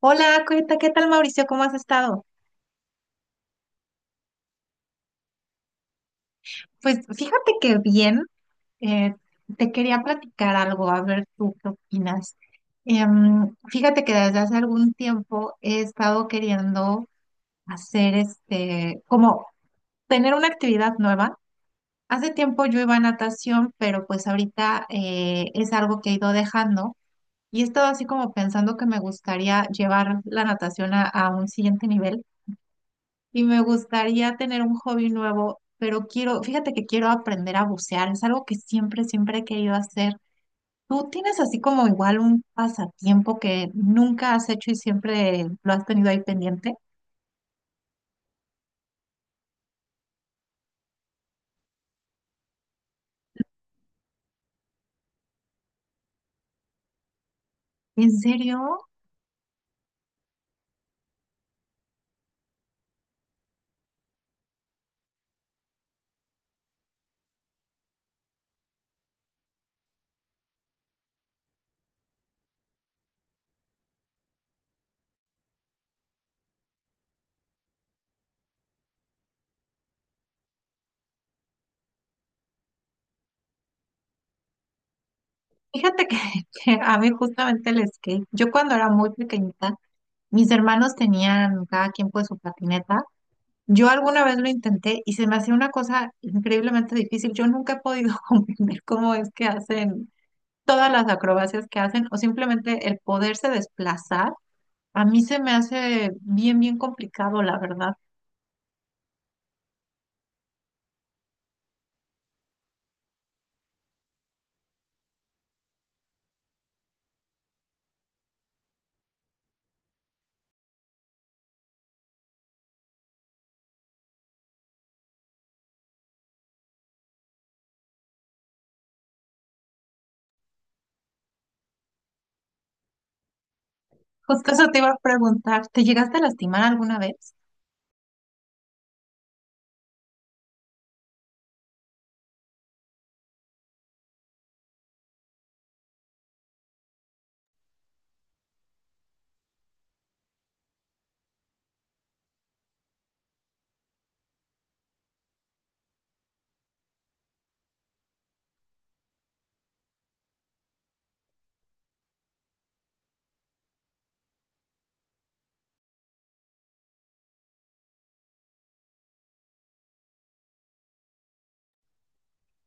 Hola, Cueta, ¿qué tal Mauricio? ¿Cómo has estado? Pues fíjate que bien, eh, te quería platicar algo, a ver tú qué opinas. Fíjate que desde hace algún tiempo he estado queriendo hacer como tener una actividad nueva. Hace tiempo yo iba a natación, pero pues ahorita es algo que he ido dejando y he estado así como pensando que me gustaría llevar la natación a un siguiente nivel. Y me gustaría tener un hobby nuevo, pero quiero, fíjate que quiero aprender a bucear, es algo que siempre, siempre he querido hacer. ¿Tú tienes así como igual un pasatiempo que nunca has hecho y siempre lo has tenido ahí pendiente? ¿En serio? Fíjate que, que a mí justamente el skate, yo cuando era muy pequeñita, mis hermanos tenían cada quien pues su patineta. Yo alguna vez lo intenté y se me hacía una cosa increíblemente difícil. Yo nunca he podido comprender cómo es que hacen todas las acrobacias que hacen o simplemente el poderse desplazar, a mí se me hace bien, bien complicado, la verdad. Justo eso te iba a preguntar, ¿te llegaste a lastimar alguna vez?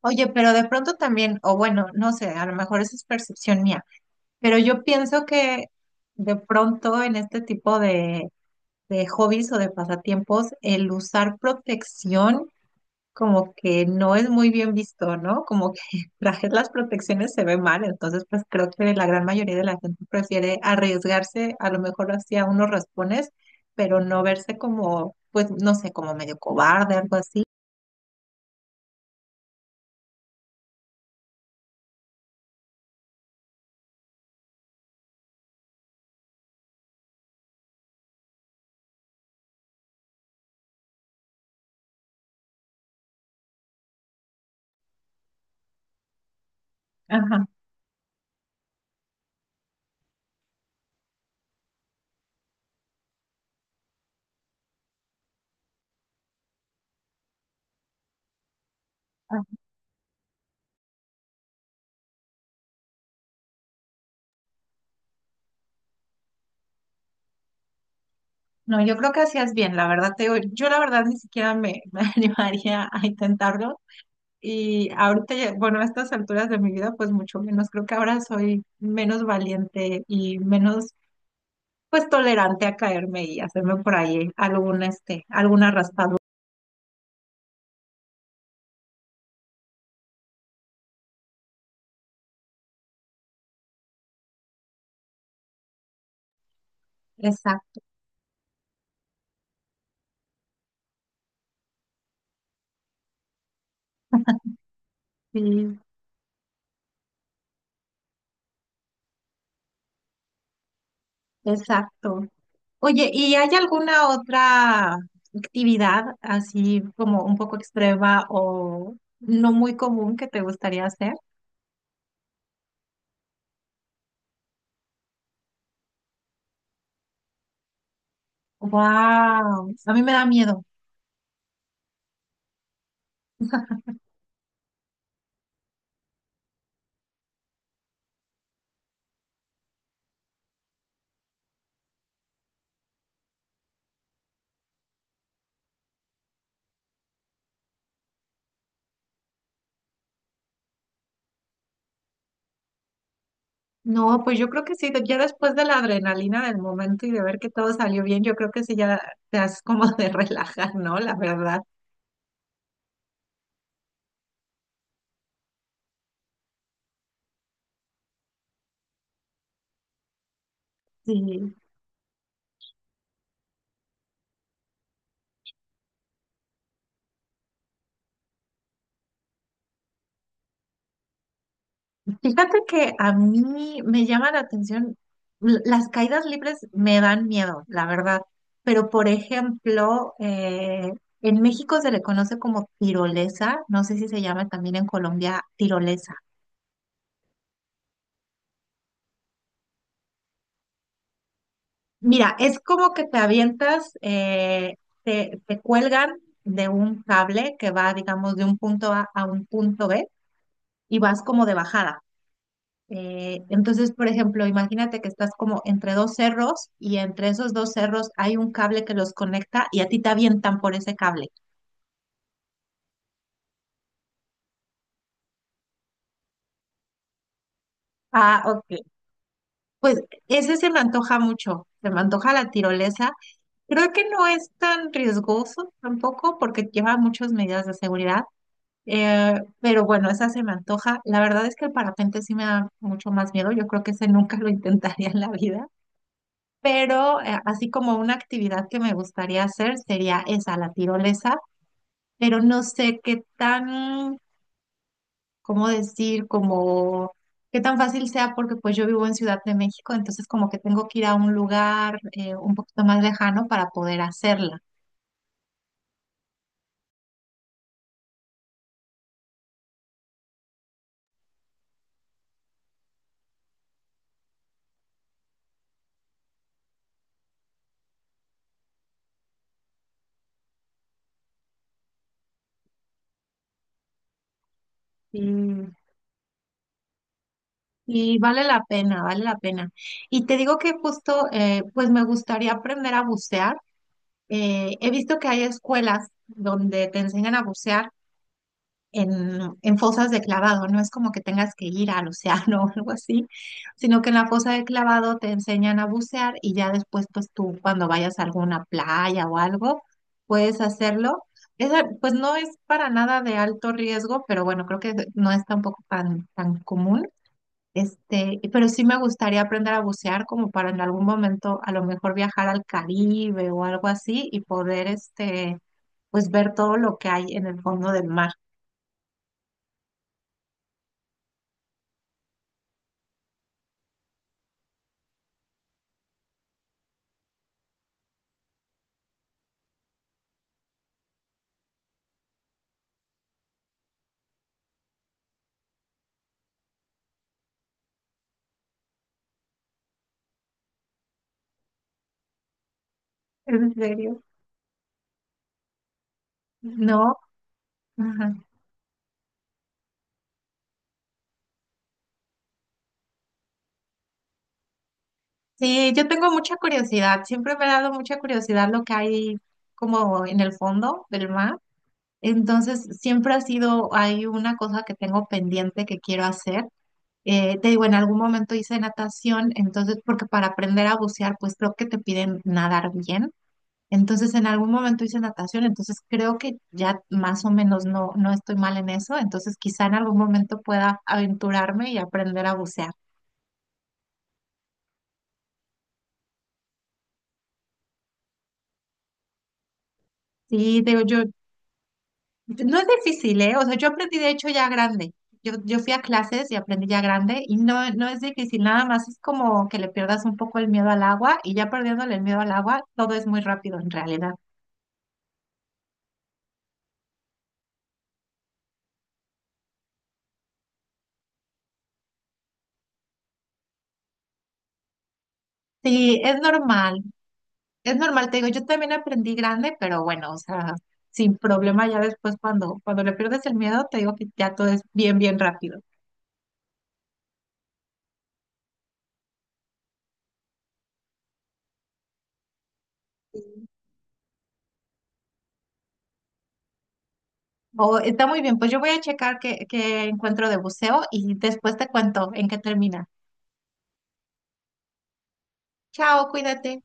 Oye, pero de pronto también, o bueno, no sé, a lo mejor eso es percepción mía, pero yo pienso que de pronto en este tipo de hobbies o de pasatiempos, el usar protección como que no es muy bien visto, ¿no? Como que trajes las protecciones se ve mal, entonces pues creo que la gran mayoría de la gente prefiere arriesgarse a lo mejor hacia unos raspones, pero no verse como, pues no sé, como medio cobarde, algo así. Ajá. Ah, no, yo creo que hacías bien, la verdad te digo, yo la verdad ni siquiera me animaría a intentarlo. Y ahorita, bueno, a estas alturas de mi vida, pues mucho menos, creo que ahora soy menos valiente y menos pues tolerante a caerme y hacerme por ahí alguna alguna raspadura. Exacto, sí, exacto. Oye, ¿y hay alguna otra actividad así como un poco extrema o no muy común que te gustaría hacer? Wow, a mí me da miedo. No, pues yo creo que sí, ya después de la adrenalina del momento y de ver que todo salió bien, yo creo que sí ya te has como de relajar, ¿no? La verdad, sí. Fíjate que a mí me llama la atención, las caídas libres me dan miedo, la verdad, pero por ejemplo, en México se le conoce como tirolesa, no sé si se llama también en Colombia tirolesa. Mira, es como que te avientas, te cuelgan de un cable que va, digamos, de un punto A a un punto B y vas como de bajada. Entonces, por ejemplo, imagínate que estás como entre dos cerros y entre esos dos cerros hay un cable que los conecta y a ti te avientan por ese cable. Ah, ok. Pues ese se me antoja mucho, se me antoja la tirolesa. Creo que no es tan riesgoso tampoco porque lleva muchas medidas de seguridad, eh, pero bueno, esa se me antoja. La verdad es que el parapente sí me da mucho más miedo, yo creo que ese nunca lo intentaría en la vida. Pero así como una actividad que me gustaría hacer sería esa, la tirolesa, pero no sé qué tan, cómo decir, como qué tan fácil sea porque pues yo vivo en Ciudad de México, entonces como que tengo que ir a un lugar un poquito más lejano para poder hacerla. Sí. Y vale la pena, vale la pena. Y te digo que justo, pues me gustaría aprender a bucear. He visto que hay escuelas donde te enseñan a bucear en fosas de clavado, no es como que tengas que ir al océano o algo así, sino que en la fosa de clavado te enseñan a bucear y ya después, pues tú cuando vayas a alguna playa o algo, puedes hacerlo. Esa, pues no es para nada de alto riesgo, pero bueno, creo que no es tampoco tan, tan común. Pero sí me gustaría aprender a bucear como para en algún momento a lo mejor viajar al Caribe o algo así y poder pues ver todo lo que hay en el fondo del mar. ¿En serio? No. Ajá. Sí, yo tengo mucha curiosidad. Siempre me ha dado mucha curiosidad lo que hay como en el fondo del mar. Entonces, siempre ha sido, hay una cosa que tengo pendiente que quiero hacer. Te digo, en algún momento hice natación, entonces, porque para aprender a bucear, pues creo que te piden nadar bien. Entonces, en algún momento hice natación, entonces creo que ya más o menos no, no estoy mal en eso. Entonces, quizá en algún momento pueda aventurarme y aprender a bucear. Sí, digo, yo, No es difícil, ¿eh? O sea, yo aprendí de hecho ya grande. Yo fui a clases y aprendí ya grande y no, no es difícil, nada más es como que le pierdas un poco el miedo al agua y ya perdiéndole el miedo al agua, todo es muy rápido en realidad. Sí, es normal, te digo, yo también aprendí grande, pero bueno, o sea, sin problema ya después cuando le pierdes el miedo, te digo que ya todo es bien, bien rápido. O está muy bien, pues yo voy a checar qué encuentro de buceo y después te cuento en qué termina. Chao, cuídate.